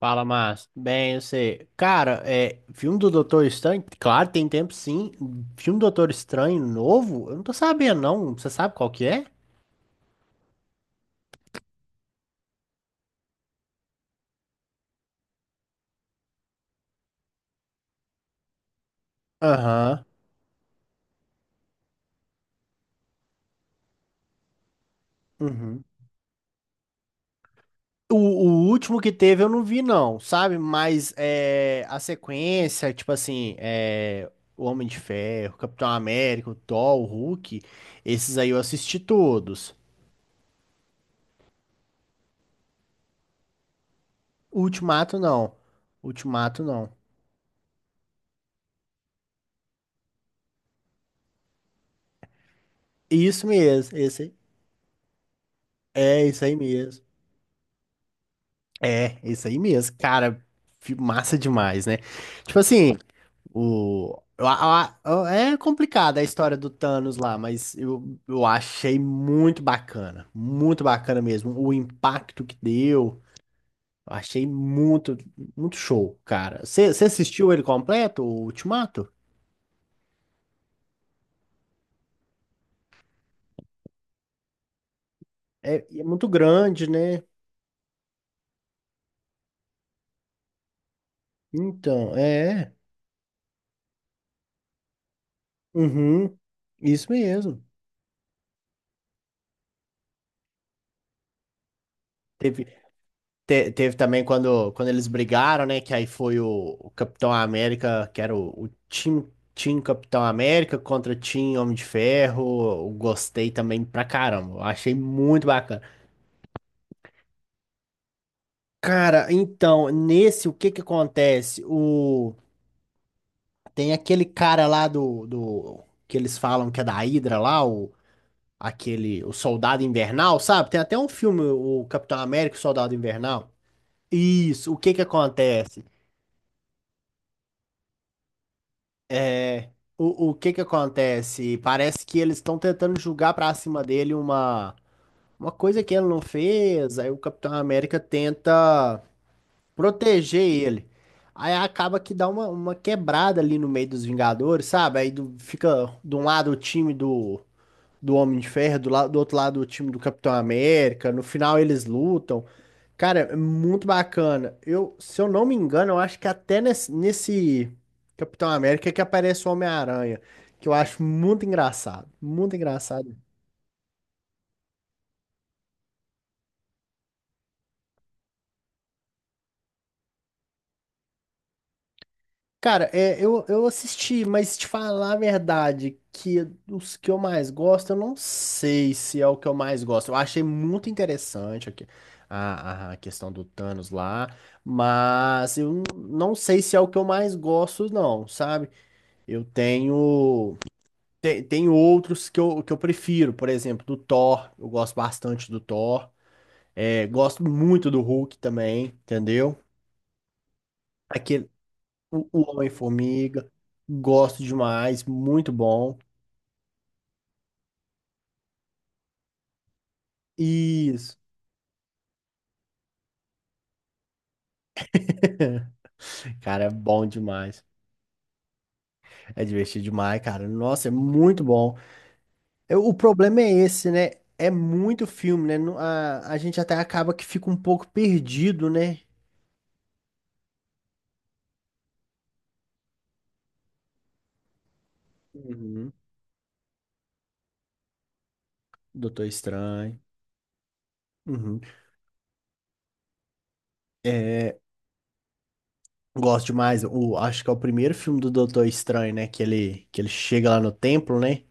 Fala, Márcio. Bem, você. Cara, é. Filme do Doutor Estranho? Claro, tem tempo sim. Filme do Doutor Estranho novo? Eu não tô sabendo, não. Você sabe qual que é? Aham. Uhum. O último que teve eu não vi, não, sabe? Mas é, a sequência, tipo assim, é, o Homem de Ferro, Capitão América, o Thor, o Hulk, esses aí eu assisti todos. O Ultimato, não. Ultimato, não. Isso mesmo, esse. É isso aí mesmo. É, isso aí mesmo, cara, massa demais, né? Tipo assim, o, a- é complicada a história do Thanos lá, mas eu achei muito bacana mesmo, o impacto que deu, eu achei muito, muito show, cara. Você assistiu ele completo, o Ultimato? É, é muito grande, né? Então, é, uhum, isso mesmo. Teve, teve também quando, quando eles brigaram, né? Que aí foi o Capitão América, que era o Team, Team Capitão América contra Team Homem de Ferro. Eu gostei também pra caramba. Eu achei muito bacana. Cara, então, nesse, o que que acontece? O, tem aquele cara lá do... Que eles falam que é da Hydra lá, o, aquele... O Soldado Invernal, sabe? Tem até um filme, o Capitão América e o Soldado Invernal. Isso, o que que acontece? É, o que que acontece? Parece que eles estão tentando julgar pra cima dele uma coisa que ele não fez. Aí o Capitão América tenta proteger ele. Aí acaba que dá uma quebrada ali no meio dos Vingadores, sabe? Fica de um lado o time do, do Homem de Ferro, do outro lado o time do Capitão América, no final eles lutam. Cara, é muito bacana. Eu, se eu não me engano, eu acho que até nesse, nesse Capitão América é que aparece o Homem-Aranha, que eu acho muito engraçado, muito engraçado. Cara, é, eu assisti, mas te falar a verdade, que os que eu mais gosto, eu não sei se é o que eu mais gosto. Eu achei muito interessante aqui a questão do Thanos lá, mas eu não sei se é o que eu mais gosto, não, sabe? Eu tenho. Tem, tem outros que que eu prefiro, por exemplo, do Thor. Eu gosto bastante do Thor. É, gosto muito do Hulk também, entendeu? O Homem-Formiga. Gosto demais. Muito bom. Isso. Cara, é bom demais. É divertido demais, cara. Nossa, é muito bom. Eu- o problema é esse, né? É muito filme, né? Não- A, a gente até acaba que fica um pouco perdido, né? Uhum. Doutor Estranho. Uhum. É, gosto demais. O, acho que é o primeiro filme do Doutor Estranho, né? Que ele chega lá no templo, né?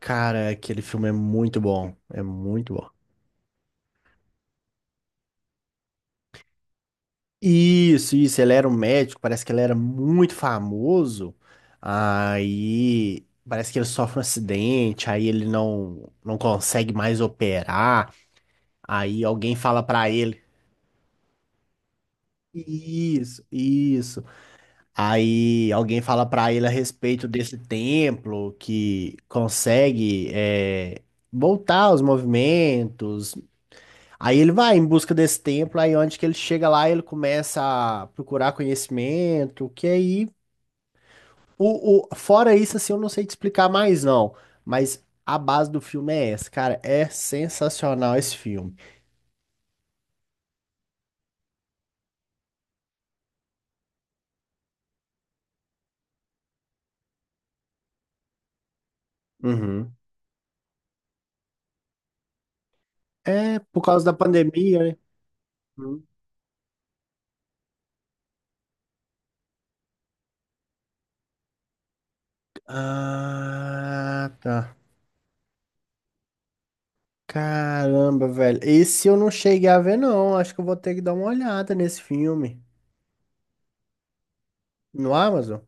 Cara, aquele filme é muito bom. É muito bom. Isso, ele era um médico, parece que ele era muito famoso. Aí parece que ele sofre um acidente, aí ele não consegue mais operar. Aí alguém fala pra ele, isso, isso. Aí alguém fala pra ele a respeito desse templo que consegue é, voltar aos movimentos. Aí ele vai em busca desse templo, aí onde que ele chega lá, ele começa a procurar conhecimento, que aí fora isso, assim, eu não sei te explicar mais, não. Mas a base do filme é essa, cara. É sensacional esse filme. Uhum. É por causa da pandemia, né? Hum. Ah, tá. Caramba, velho. Esse eu não cheguei a ver, não. Acho que eu vou ter que dar uma olhada nesse filme. No Amazon?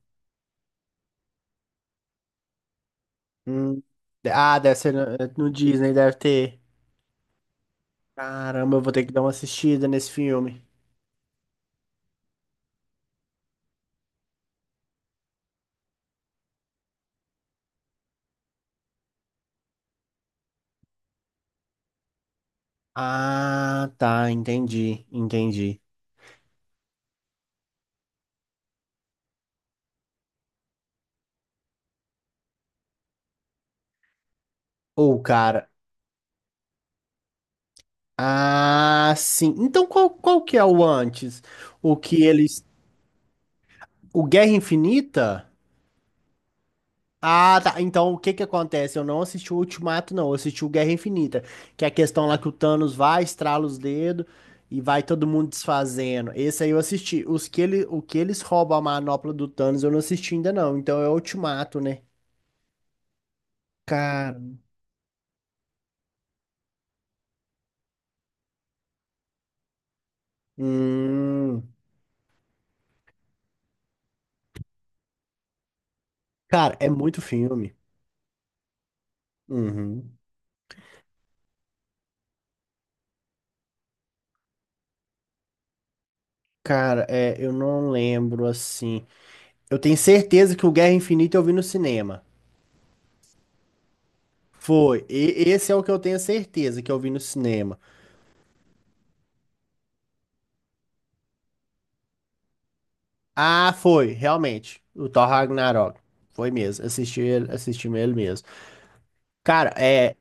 Hum. Ah, deve ser no Disney, deve ter. Caramba, eu vou ter que dar uma assistida nesse filme. Ah, tá. Entendi, entendi. Ô, cara. Ah, sim. Então qual, qual que é o antes? O que eles. O Guerra Infinita? Ah, tá. Então o que que acontece? Eu não assisti o Ultimato, não. Eu assisti o Guerra Infinita. Que é a questão lá que o Thanos vai, estrala os dedos e vai todo mundo desfazendo. Esse aí eu assisti. Os que ele, o que eles roubam a manopla do Thanos eu não assisti ainda, não. Então é o Ultimato, né? Cara. Hum. Cara, é muito filme. Uhum. Cara, é, eu não lembro assim. Eu tenho certeza que o Guerra Infinita eu vi no cinema. Foi. Esse é o que eu tenho certeza que eu vi no cinema. Ah, foi, realmente. O Thor Ragnarok. Foi mesmo. Assisti ele mesmo. Cara, é.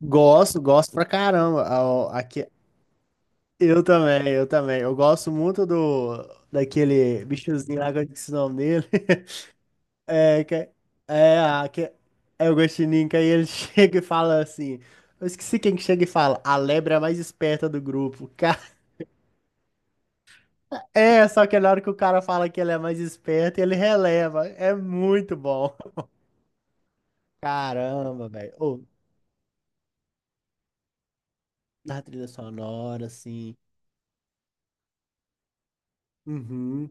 Gosto, gosto pra caramba. Aqui, eu também. Eu gosto muito do daquele bichozinho lá, que eu esqueci o nome dele. É, que, é, a- que, é o Guaxinim, que aí ele chega e fala assim. Eu esqueci quem que chega e fala, a lebre é a mais esperta do grupo. É, só que na hora que o cara fala que ele é mais esperto, ele releva. É muito bom. Caramba, velho. Ou na trilha sonora, assim. Uhum.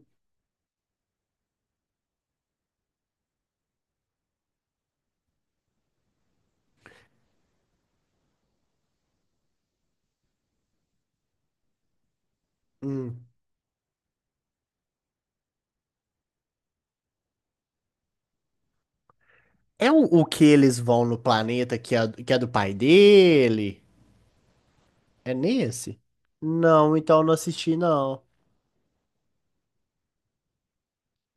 Hum. É o que eles vão no planeta que é do pai dele? É nesse? Não, então eu não assisti, não.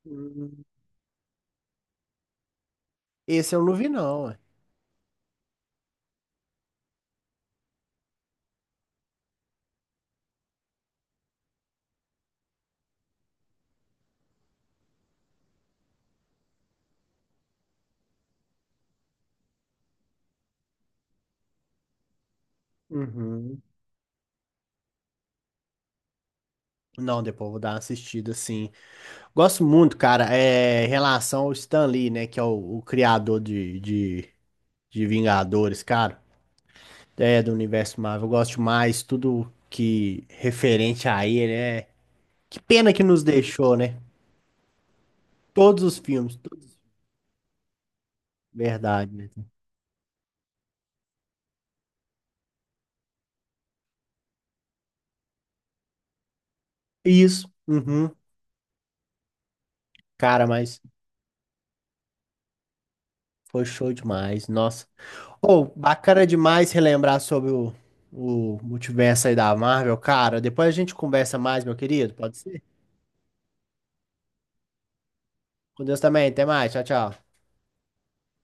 Hum. Esse eu não vi, não. Ué. Uhum. Não, depois eu vou dar uma assistida, sim. Gosto muito, cara, é em relação ao Stan Lee, né? Que é o criador de Vingadores, cara. É, do universo Marvel. Eu gosto mais tudo que referente a ele, né? Que pena que nos deixou, né? Todos os filmes, todos. Verdade, né? Isso, uhum. Cara, mas foi show demais, nossa. Oh, bacana demais relembrar sobre o multiverso aí da Marvel, cara. Depois a gente conversa mais, meu querido, pode ser? Com Deus também, até mais, tchau, tchau.